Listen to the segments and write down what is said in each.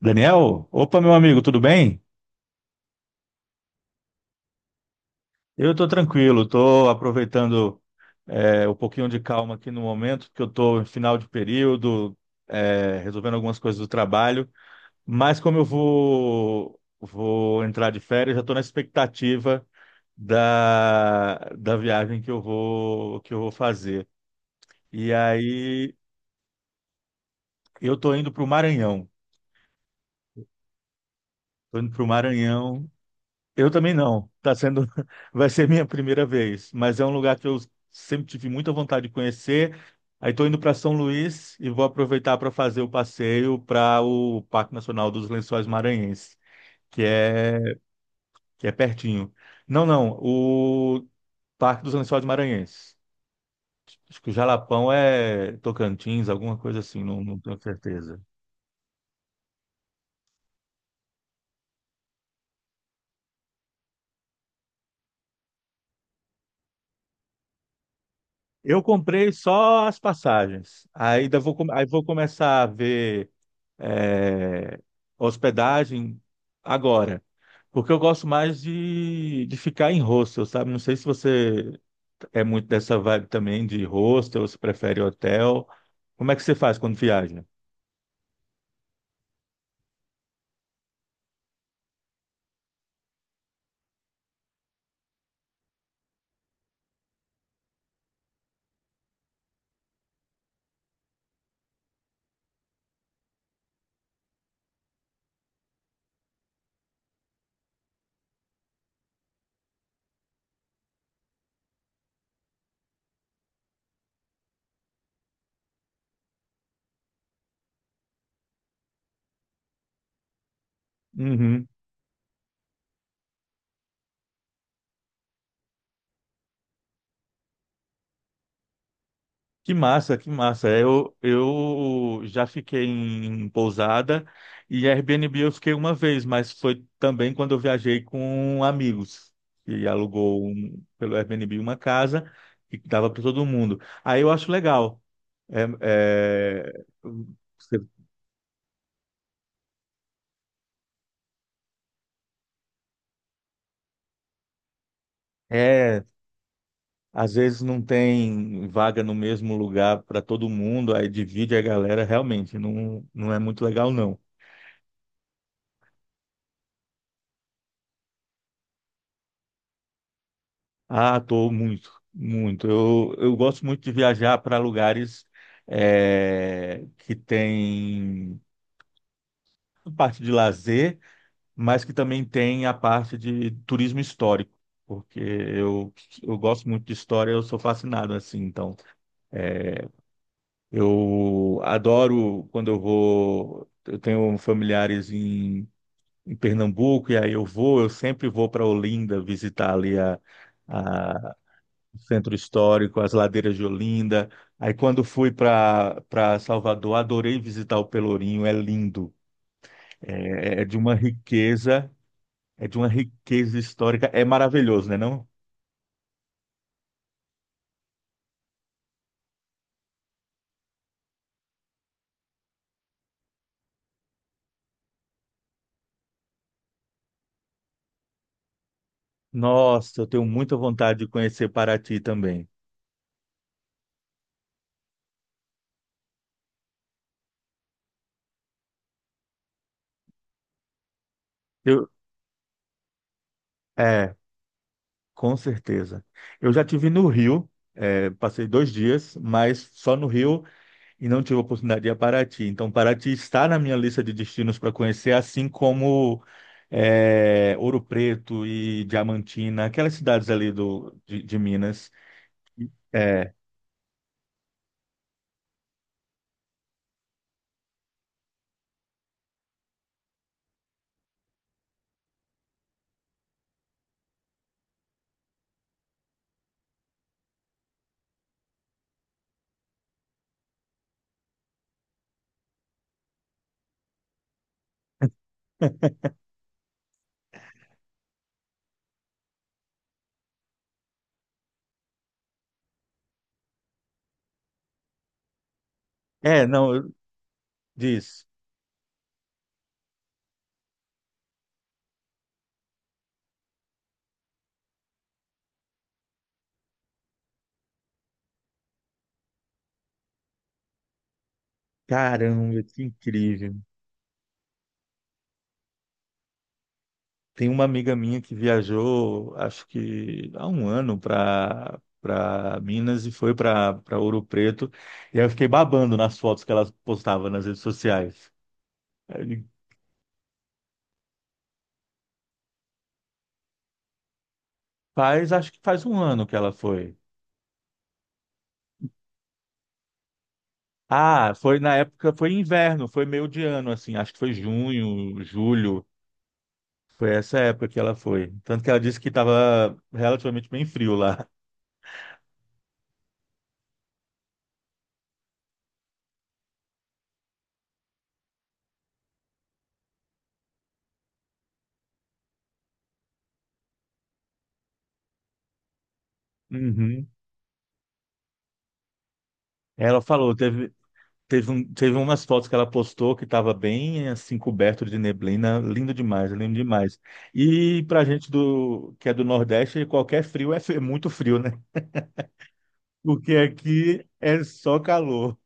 Daniel, opa, meu amigo, tudo bem? Eu estou tranquilo, estou aproveitando um pouquinho de calma aqui no momento, porque eu estou em final de período, resolvendo algumas coisas do trabalho, mas como eu vou entrar de férias, já estou na expectativa da viagem que eu vou fazer. E aí eu estou indo para o Maranhão. Eu também não. Tá sendo, vai ser minha primeira vez, mas é um lugar que eu sempre tive muita vontade de conhecer. Aí estou indo para São Luís e vou aproveitar para fazer o passeio para o Parque Nacional dos Lençóis Maranhenses, que é que é pertinho. Não, não, o Parque dos Lençóis Maranhenses. Acho que o Jalapão é Tocantins, alguma coisa assim, não, não tenho certeza. Eu comprei só as passagens. Aí vou começar a ver é, hospedagem agora. Porque eu gosto mais de ficar em hostel, sabe? Não sei se você é muito dessa vibe também de hostel, se prefere hotel. Como é que você faz quando viaja? Uhum. Que massa, que massa. É, eu já fiquei em pousada e Airbnb eu fiquei uma vez, mas foi também quando eu viajei com amigos e pelo Airbnb uma casa e dava para todo mundo. Aí eu acho legal. É, é, você- é, às vezes não tem vaga no mesmo lugar para todo mundo, aí divide a galera, realmente não, não é muito legal, não. Ah, tô muito, muito. Eu gosto muito de viajar para lugares que tem a parte de lazer, mas que também tem a parte de turismo histórico, porque eu gosto muito de história, eu sou fascinado assim. Então, eu adoro quando eu vou. Eu tenho familiares em Pernambuco, e aí eu vou, eu sempre vou para Olinda visitar ali a centro histórico, as ladeiras de Olinda. Aí quando fui para Salvador, adorei visitar o Pelourinho, é lindo. É, é é de uma riqueza, é de uma riqueza histórica, é maravilhoso, né, não? Nossa, eu tenho muita vontade de conhecer Paraty também. Eu, é, com certeza. Eu já tive no Rio, é, passei dois dias, mas só no Rio e não tive oportunidade de ir a Paraty. Então, Paraty está na minha lista de destinos para conhecer, assim como Ouro Preto e Diamantina, aquelas cidades ali de Minas. É, é, não, eu- Diz. Caramba, que incrível. Tem uma amiga minha que viajou, acho que há um ano, para Minas e foi para Ouro Preto. E aí eu fiquei babando nas fotos que ela postava nas redes sociais. Ele Faz, acho que faz um ano que ela foi. Ah, foi na época, foi inverno, foi meio de ano, assim, acho que foi junho, julho, foi essa época que ela foi. Tanto que ela disse que estava relativamente bem frio lá. Uhum. Ela falou, teve umas fotos que ela postou que estava bem, assim, coberto de neblina, lindo demais, lindo demais. E pra gente do, que é do Nordeste, qualquer frio é muito frio, né? Porque aqui é só calor.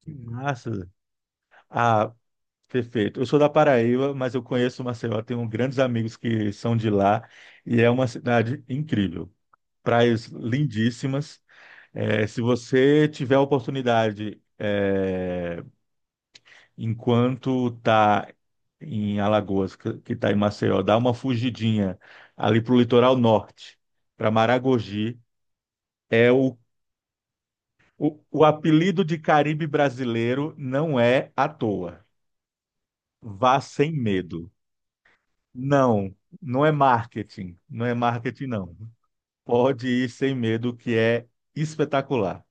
Que massa! Ah, perfeito. Eu sou da Paraíba, mas eu conheço Maceió, tenho grandes amigos que são de lá e é uma cidade incrível. Praias lindíssimas. Se você tiver a oportunidade, enquanto está em Alagoas, que está em Maceió, dá uma fugidinha ali para o litoral norte, para Maragogi. É o, o apelido de Caribe brasileiro não é à toa. Vá sem medo. Não, não é marketing. Não é marketing, não. Pode ir sem medo, que é espetacular.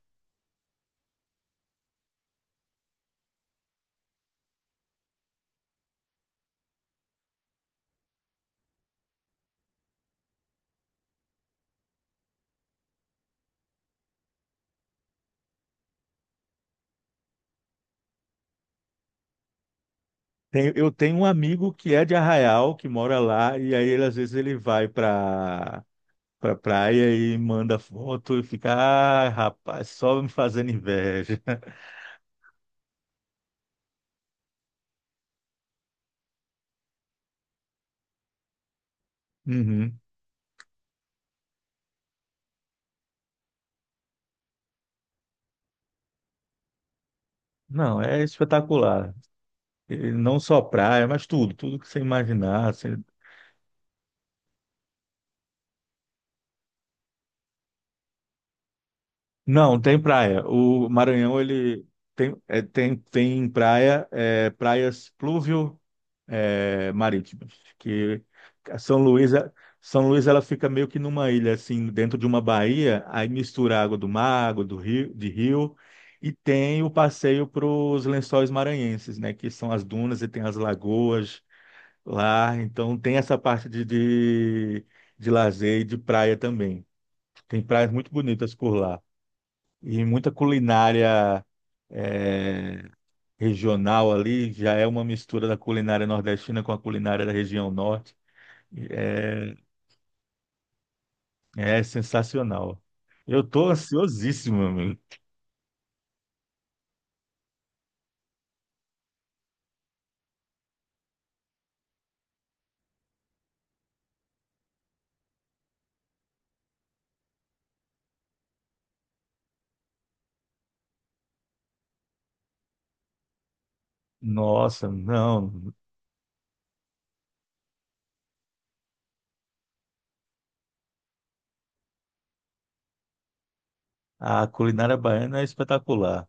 Eu tenho um amigo que é de Arraial, que mora lá, e aí ele, às vezes ele vai para pra pra praia e manda foto e fica, ah, rapaz, só me fazendo inveja. Uhum. Não, é espetacular. E não só praia, mas tudo, tudo que você imaginar. Não, tem praia. O Maranhão, ele tem, é, tem praia, é, praias pluvio, é, marítimas, que a São Luís, é, São Luís ela fica meio que numa ilha assim, dentro de uma baía, aí mistura a água do mar, água do rio, e tem o passeio para os Lençóis Maranhenses, né, que são as dunas e tem as lagoas lá, então tem essa parte de lazer e de praia também. Tem praias muito bonitas por lá e muita culinária é, regional ali, já é uma mistura da culinária nordestina com a culinária da região norte. É, é sensacional. Eu tô ansiosíssimo, amigo. Nossa, não. A culinária baiana é espetacular.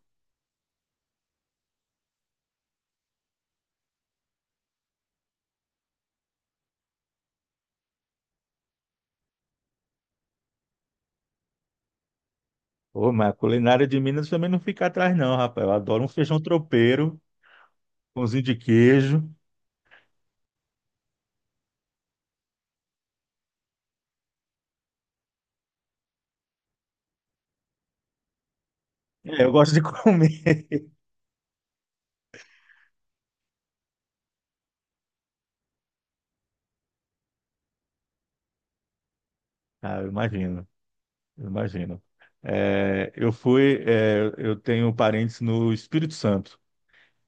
Ô, mas a culinária de Minas também não fica atrás, não, rapaz. Eu adoro um feijão tropeiro, pãozinho de queijo. É, eu gosto de comer. Ah, eu imagino, eu imagino. Eu fui, é, eu tenho parentes no Espírito Santo.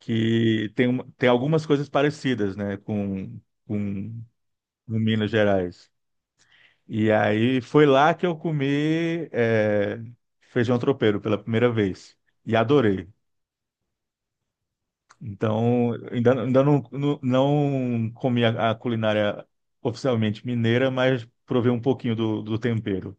Tem algumas coisas parecidas, né, com, com Minas Gerais. E aí foi lá que eu comi feijão tropeiro pela primeira vez e adorei. Então, ainda não comi a culinária oficialmente mineira, mas provei um pouquinho do tempero.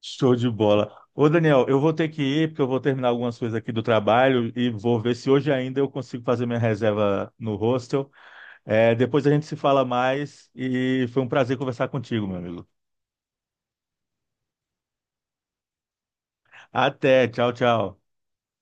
Show de bola. Ô, Daniel, eu vou ter que ir, porque eu vou terminar algumas coisas aqui do trabalho e vou ver se hoje ainda eu consigo fazer minha reserva no hostel. É, depois a gente se fala mais e foi um prazer conversar contigo, meu amigo. Até, tchau, tchau.